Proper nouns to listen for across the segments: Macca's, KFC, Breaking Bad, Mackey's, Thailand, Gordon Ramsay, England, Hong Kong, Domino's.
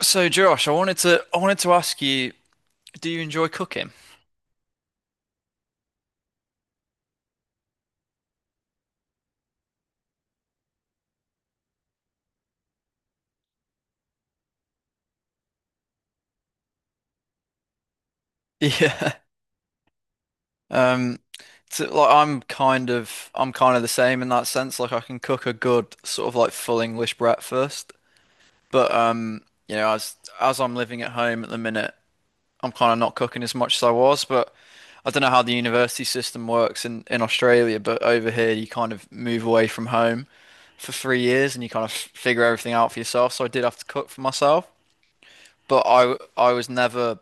So Josh, I wanted to ask you, do you enjoy cooking? Yeah. Um, I'm kind of the same in that sense. Like I can cook a good sort of like full English breakfast, but you know, as I'm living at home at the minute, I'm kind of not cooking as much as I was. But I don't know how the university system works in Australia, but over here you kind of move away from home for 3 years and you kind of figure everything out for yourself. So I did have to cook for myself, but I was never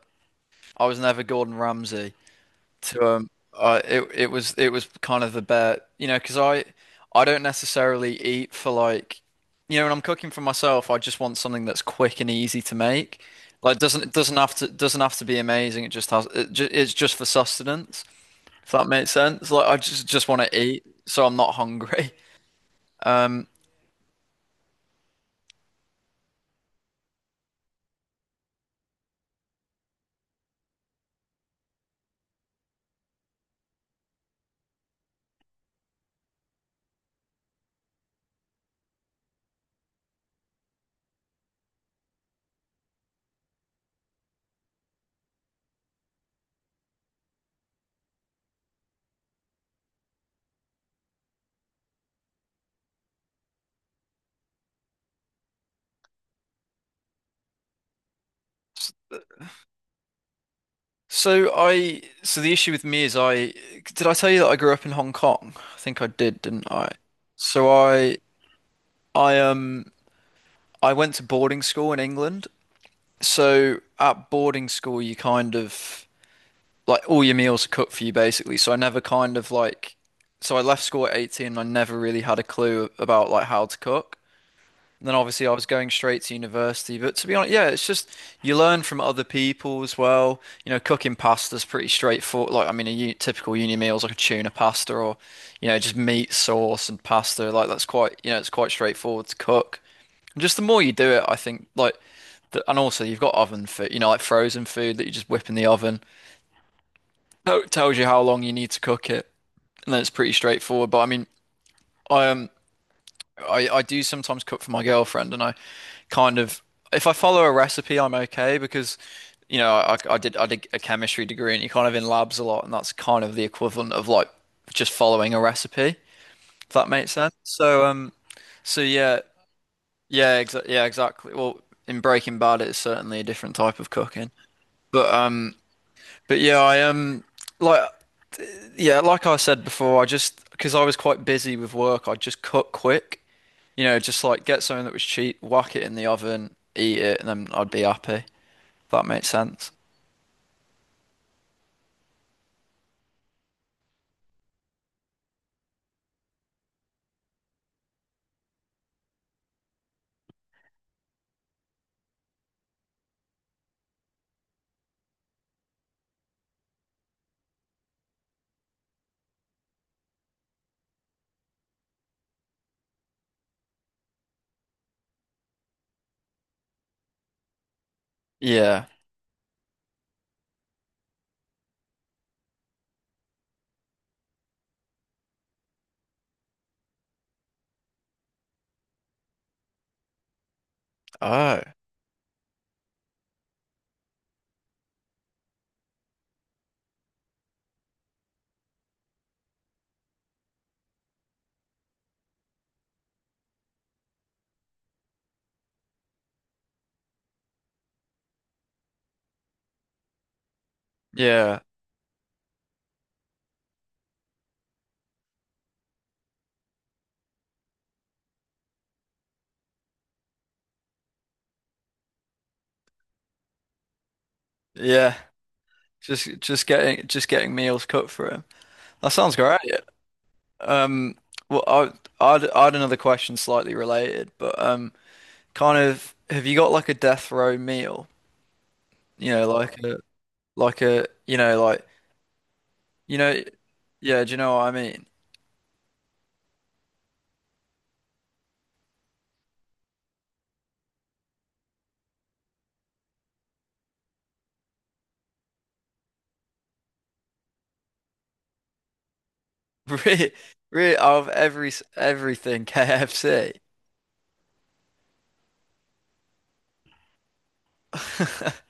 I was never Gordon Ramsay to I it it was kind of the bet, you know, 'cause I don't necessarily eat for like you know, when I'm cooking for myself, I just want something that's quick and easy to make. Like doesn't it doesn't have to be amazing. It just has it ju it's just for sustenance, if that makes sense. Like I just want to eat so I'm not hungry. Um so the issue with me is I did I tell you that I grew up in Hong Kong? I think I did, didn't I? So I I um I went to boarding school in England. So at boarding school you kind of like all your meals are cooked for you basically. So I never kind of like so I left school at 18 and I never really had a clue about like how to cook. And then obviously I was going straight to university, but to be honest, yeah, it's just you learn from other people as well. You know, cooking pasta's pretty straightforward. Like I mean a u typical uni meal is like a tuna pasta or you know just meat sauce and pasta. Like that's quite you know it's quite straightforward to cook. And just the more you do it, I think like and also you've got oven food, you know, like frozen food that you just whip in the oven. So it tells you how long you need to cook it, and then it's pretty straightforward. But I mean, I um I do sometimes cook for my girlfriend, and I kind of if I follow a recipe, I'm okay because you know I did a chemistry degree, and you're kind of in labs a lot, and that's kind of the equivalent of like just following a recipe, if that makes sense. So yeah. Yeah, exa yeah, exactly. Well, in Breaking Bad, it's certainly a different type of cooking. But um, but yeah, I like yeah, like I said before, I just because I was quite busy with work, I just cook quick. You know, just like get something that was cheap, whack it in the oven, eat it, and then I'd be happy. If that makes sense. Yeah. Oh. Yeah. Yeah. Just getting meals cooked for him. That sounds great. Um. Well, I'd another question slightly related, but kind of have you got like a death row meal? You know, like a you know like you know yeah. Do you know what I mean? Really, really out of every everything KFC.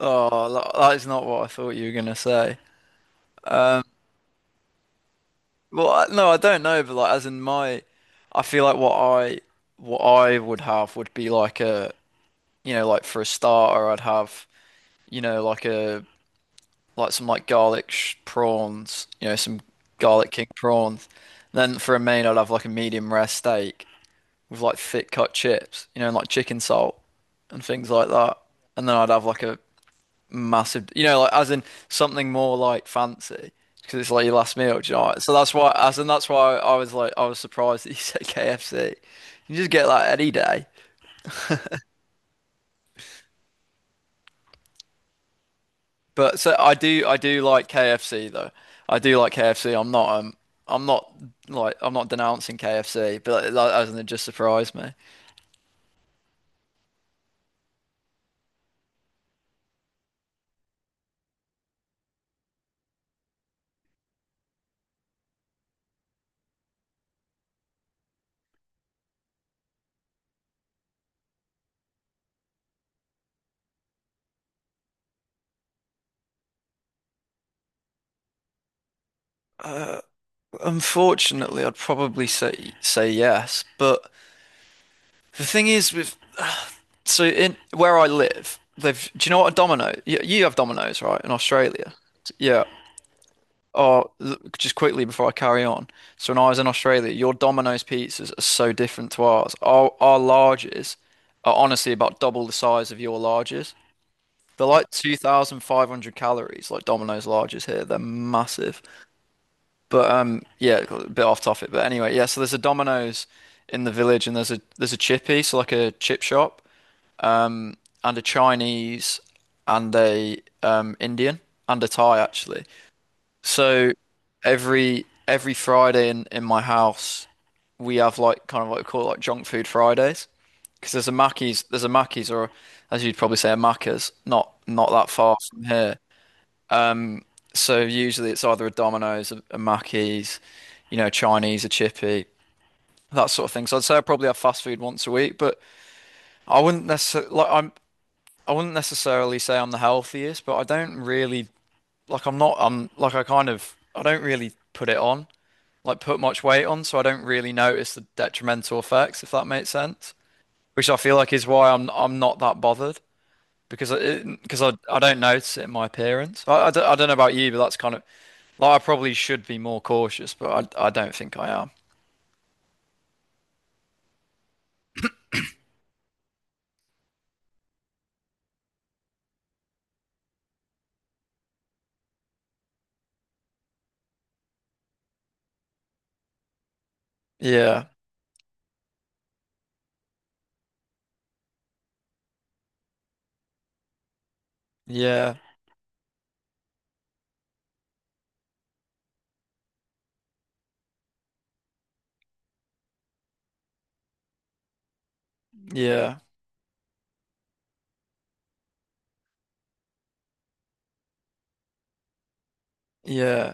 Oh, that is not what I thought you were gonna say. Um, well, I- no, I don't know, but like as in I feel like what I would have would be like a you know like for a starter I'd have you know like a like some like garlic sh prawns, you know, some garlic king prawns. And then for a main, I'd have like a medium rare steak with like thick cut chips, you know, and like chicken salt and things like that. And then I'd have like a massive, you know, like as in something more like fancy because it's like your last meal, do you know? So that's why, as in that's why I was like, I was surprised that you said KFC. You just get that any day. But I do like KFC though. I do like KFC. I'm not like I'm not denouncing KFC, but it, like, as in it just surprised me. Uh, unfortunately, I'd probably say yes, but the thing is with so in where I live, they've do you know what a Domino? You have Domino's, right, in Australia? Yeah. Oh, just quickly before I carry on. So when I was in Australia, your Domino's pizzas are so different to ours. Our larges are honestly about double the size of your larges. They're like 2,500 calories, like Domino's larges here. They're massive. But yeah, a bit off topic. But anyway, yeah. So there's a Domino's in the village, and there's a chippy, so like a chip shop, and a Chinese, and a Indian, and a Thai actually. So every Friday in my house, we have like kind of what we call like junk food Fridays. Because there's a Mackey's, or as you'd probably say, a Macca's, not that far from here. So usually it's either a Domino's, a Mackey's, you know, Chinese, a chippy, that sort of thing. So I'd say I probably have fast food once a week, but I wouldn't necessarily like I'm I wouldn't necessarily say I'm the healthiest, but I don't really like I'm not I'm like I kind of I don't really put it on. Like put much weight on, so I don't really notice the detrimental effects, if that makes sense. Which I feel like is why I'm not that bothered because I don't notice it in my appearance. I don't know about you, but that's kind of like I probably should be more cautious, but I don't think I am. Yeah, yeah, yeah, yeah.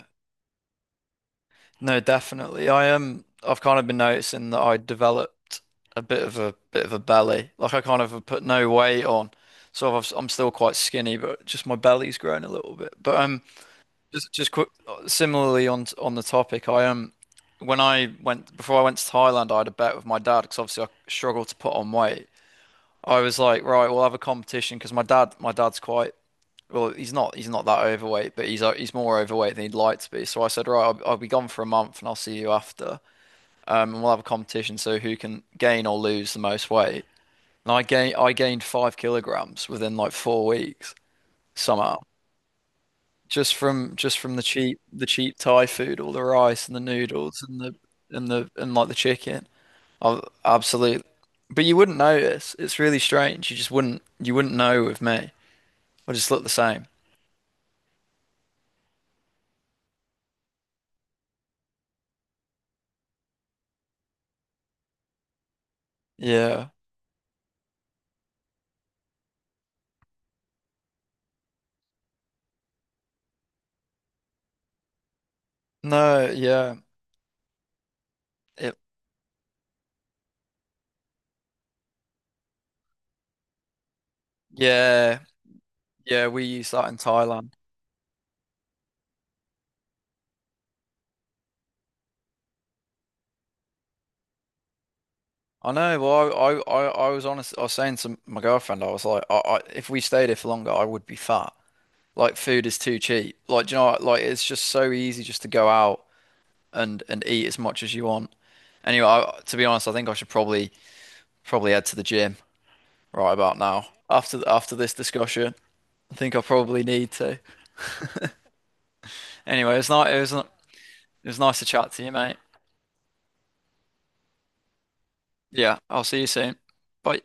No, definitely. I've kind of been noticing that I developed a bit of a belly. Like I kind of have put no weight on. I'm still quite skinny, but just my belly's grown a little bit. But just quick similarly on the topic, I when I went before I went to Thailand, I had a bet with my dad because obviously I struggled to put on weight. I was like, right, we'll have a competition because my dad's quite well, he's not that overweight, but he's more overweight than he'd like to be. So I said, right, I'll be gone for a month, and I'll see you after. And we'll have a competition, so who can gain or lose the most weight. And I gained 5 kilograms within like 4 weeks somehow, just from the cheap Thai food, all the rice and the noodles and like the chicken. I absolutely, but you wouldn't notice. It's really strange. You just wouldn't know with me. I just look the same. Yeah. No, yeah. It yeah, yeah, we used that in Thailand. I know. Well, I was honest. I was saying to my girlfriend, I was like, if we stayed here for longer, I would be fat. Like, food is too cheap. Like, do you know, what? Like it's just so easy just to go out and eat as much as you want. Anyway, to be honest, I think I should probably head to the gym right about now. After this discussion, I think I probably need to. Anyway, it's not. It was not. It was nice to chat to you, mate. Yeah, I'll see you soon. Bye.